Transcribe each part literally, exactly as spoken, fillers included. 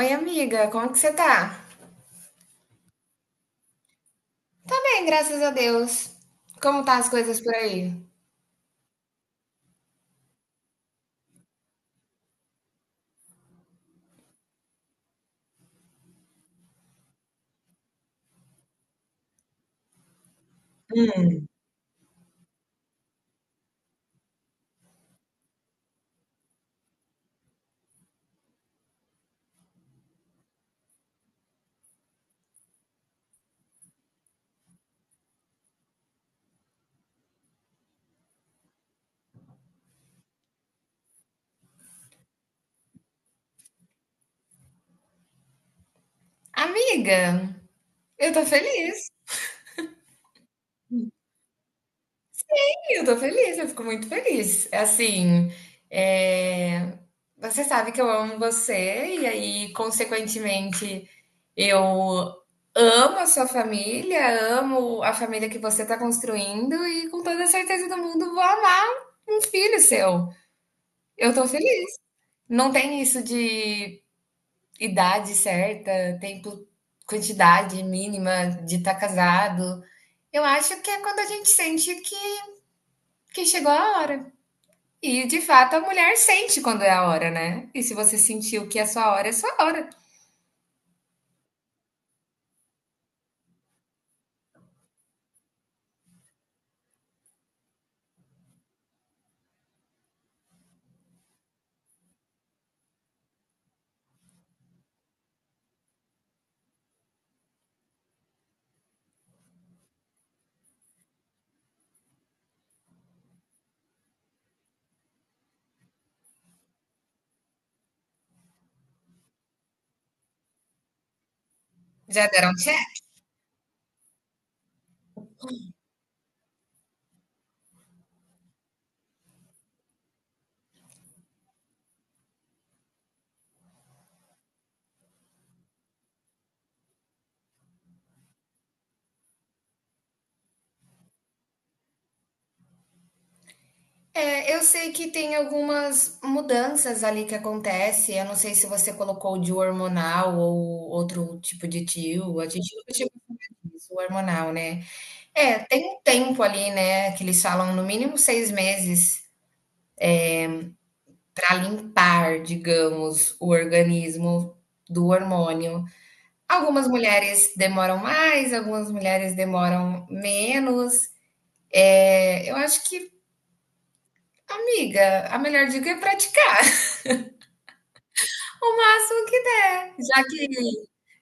Oi, amiga, como que você tá? Tá bem, graças a Deus. Como tá as coisas por aí? Amiga, eu tô feliz. Eu tô feliz, eu fico muito feliz. É. Assim, é, você sabe que eu amo você, e aí, consequentemente, eu amo a sua família, amo a família que você tá construindo, e com toda a certeza do mundo vou amar um filho seu. Eu tô feliz. Não tem isso de idade certa, tempo, quantidade mínima de estar casado. Eu acho que é quando a gente sente que, que chegou a hora. E de fato a mulher sente quando é a hora, né? E se você sentiu que é a sua hora, é a sua hora. Já deram check? É, eu sei que tem algumas mudanças ali que acontece. Eu não sei se você colocou de hormonal ou outro tipo de tio. A gente nunca chegou a falar disso, o hormonal, né? É, tem um tempo ali, né? Que eles falam no mínimo seis meses para limpar, digamos, o organismo do hormônio. Algumas mulheres demoram mais, algumas mulheres demoram menos. É, eu acho que, amiga, a melhor dica é praticar o máximo que der, já que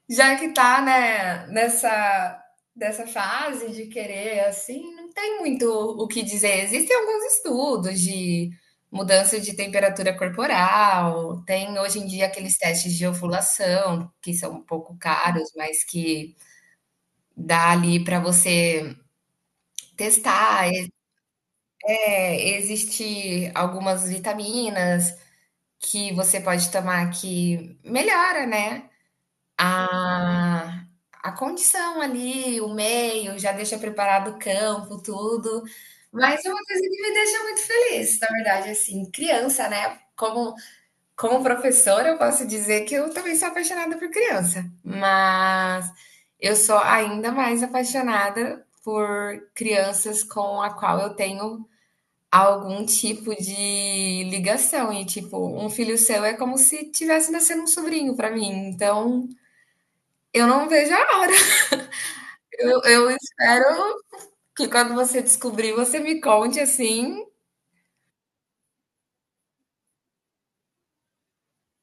já que tá, né, nessa dessa fase de querer assim, não tem muito o que dizer. Existem alguns estudos de mudança de temperatura corporal, tem hoje em dia aqueles testes de ovulação, que são um pouco caros, mas que dá ali para você testar. É, existe algumas vitaminas que você pode tomar que melhora, né, A a condição ali, o meio, já deixa preparado o campo, tudo. Mas é uma coisa que me deixa muito feliz, na verdade, assim, criança, né, como como professora, eu posso dizer que eu também sou apaixonada por criança, mas eu sou ainda mais apaixonada por crianças com a qual eu tenho algum tipo de ligação e, tipo, um filho seu é como se tivesse nascendo um sobrinho para mim, então eu não vejo a hora. Eu eu espero que quando você descobrir, você me conte, assim,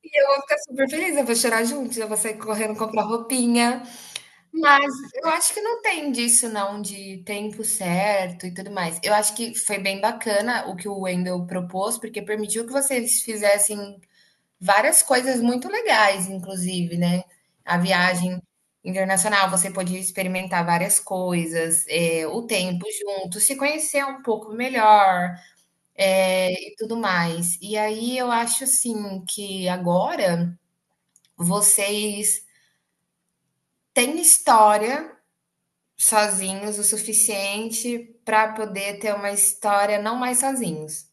eu vou ficar super feliz, eu vou chorar junto, eu vou sair correndo comprar roupinha. Mas eu acho que não tem disso não, de tempo certo e tudo mais. Eu acho que foi bem bacana o que o Wendel propôs, porque permitiu que vocês fizessem várias coisas muito legais, inclusive, né. A viagem internacional, você podia experimentar várias coisas, eh, o tempo junto, se conhecer um pouco melhor, eh, e tudo mais. E aí eu acho, assim, que agora vocês têm história sozinhos o suficiente para poder ter uma história não mais sozinhos.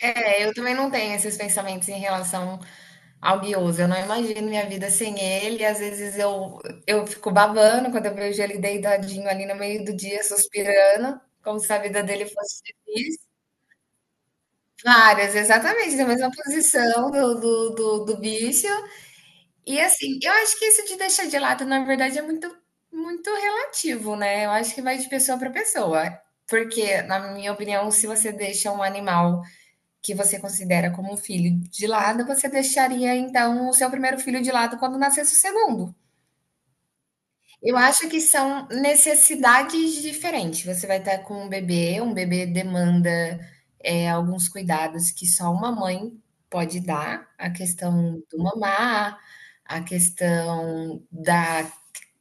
É, eu também não tenho esses pensamentos em relação ao guioso. Eu não imagino minha vida sem ele. Às vezes eu, eu fico babando quando eu vejo ele deitadinho ali no meio do dia, suspirando, como se a vida dele fosse feliz. Várias, exatamente, na mesma posição do, do, do, do bicho. E assim, eu acho que isso de deixar de lado, na verdade, é muito, muito relativo, né? Eu acho que vai de pessoa para pessoa. Porque, na minha opinião, se você deixa um animal que você considera como um filho de lado, você deixaria então o seu primeiro filho de lado quando nascesse o segundo. Eu acho que são necessidades diferentes. Você vai estar com um bebê, um bebê demanda, eh, alguns cuidados que só uma mãe pode dar, a questão do mamar, a questão da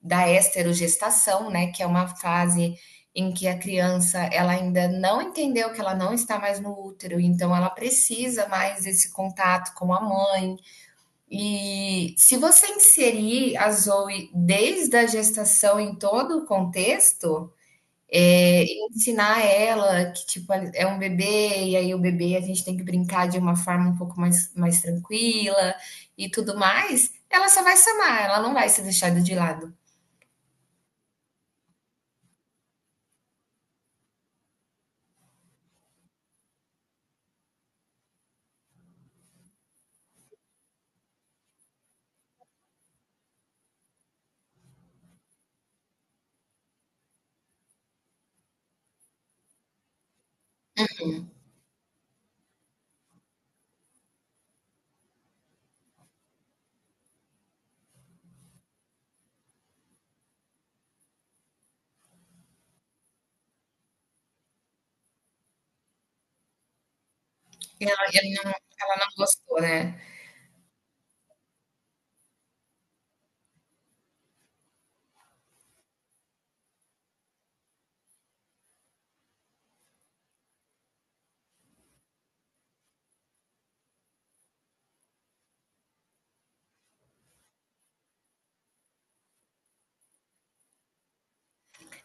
da esterogestação, né, que é uma fase em que a criança, ela ainda não entendeu que ela não está mais no útero, então ela precisa mais desse contato com a mãe. E se você inserir a Zoe desde a gestação em todo o contexto, é, ensinar ela que tipo é um bebê e aí o bebê a gente tem que brincar de uma forma um pouco mais, mais tranquila e tudo mais, ela só vai se amar, ela não vai ser deixada de lado. Ela, ela não, ela não gostou, né?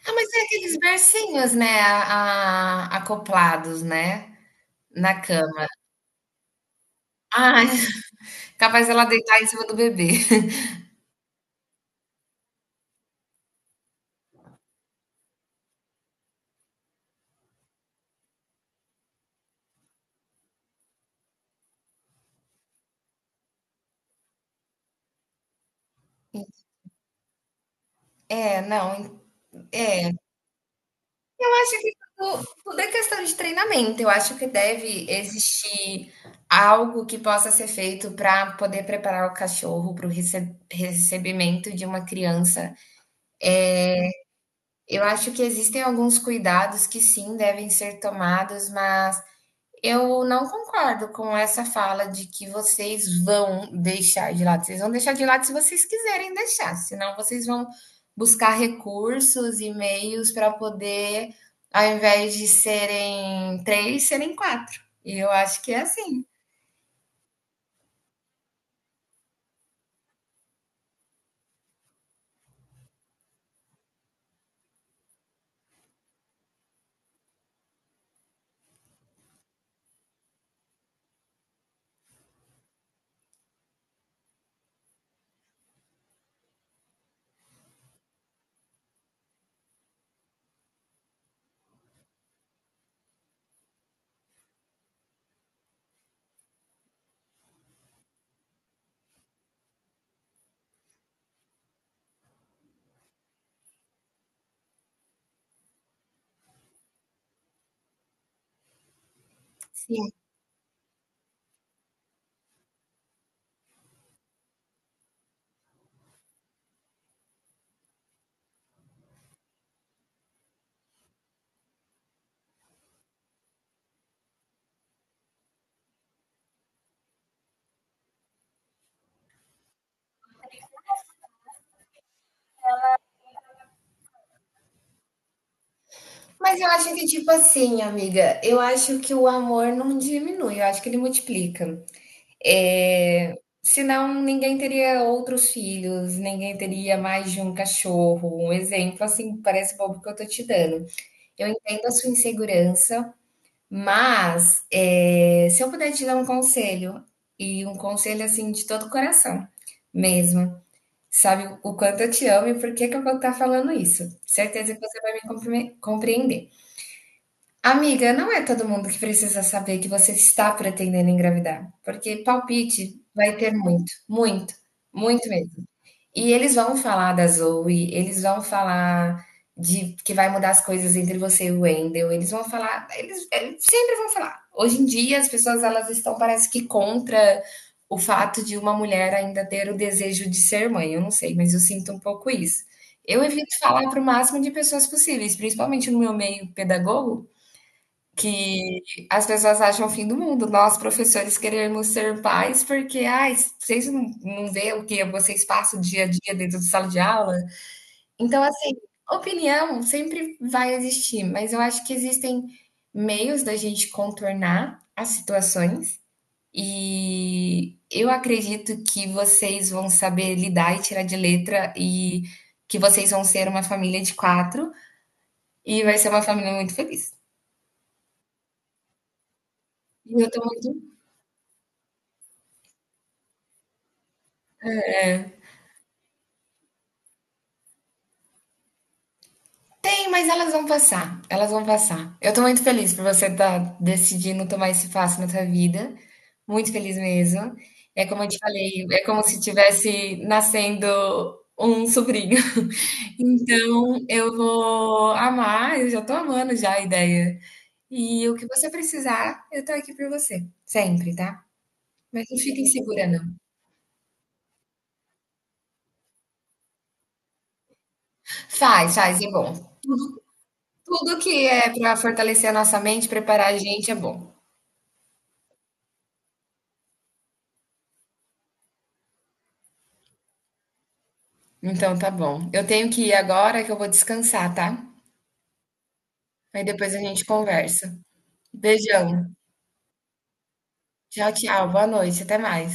Ah, mas é aqueles bercinhos, né, a- a- acoplados, né, na cama. Ah, capaz ela deitar em cima do bebê. É, não, acho que tudo, tudo é questão de treinamento. Eu acho que deve existir algo que possa ser feito para poder preparar o cachorro para o recebimento de uma criança. Eu acho que existem alguns cuidados que sim devem ser tomados, mas eu não concordo com essa fala de que vocês vão deixar de lado. Vocês vão deixar de lado se vocês quiserem deixar, senão vocês vão buscar recursos e meios para poder, ao invés de serem três, serem quatro. E eu acho que é assim. Sim. Mas eu acho que, tipo assim, amiga, eu acho que o amor não diminui, eu acho que ele multiplica. Eh, senão ninguém teria outros filhos, ninguém teria mais de um cachorro. Um exemplo, assim, parece bobo que eu tô te dando. Eu entendo a sua insegurança, mas eh, se eu puder te dar um conselho, e um conselho assim de todo o coração mesmo. Sabe o quanto eu te amo e por que que eu vou estar falando isso? Certeza que você vai me compre- compreender. Amiga, não é todo mundo que precisa saber que você está pretendendo engravidar, porque palpite vai ter muito, muito, muito mesmo. E eles vão falar da Zoe, eles vão falar de que vai mudar as coisas entre você e o Wendell, eles vão falar, eles, eles sempre vão falar. Hoje em dia as pessoas elas estão parece que contra o fato de uma mulher ainda ter o desejo de ser mãe. Eu não sei, mas eu sinto um pouco isso. Eu evito falar para o máximo de pessoas possíveis, principalmente no meu meio pedagogo. Que as pessoas acham o fim do mundo. Nós, professores, queremos ser pais porque, ai, vocês não não vê o que vocês passam dia a dia dentro de sala de aula? Então, assim, opinião sempre vai existir, mas eu acho que existem meios da gente contornar as situações e eu acredito que vocês vão saber lidar e tirar de letra e que vocês vão ser uma família de quatro e vai ser uma família muito feliz. E eu estou muito. Sim, mas elas vão passar, elas vão passar. Eu tô muito feliz por você estar decidindo tomar esse passo na sua vida. Muito feliz mesmo. É como eu te falei, é como se tivesse nascendo um sobrinho. Então, eu vou amar, eu já tô amando já a ideia. E o que você precisar, eu tô aqui por você, sempre, tá? Mas não fica insegura, não. Faz, faz, é bom. Tudo que é pra fortalecer a nossa mente, preparar a gente é bom. Então tá bom. Eu tenho que ir agora que eu vou descansar, tá? Aí depois a gente conversa. Beijão. Tchau, tchau. Boa noite. Até mais.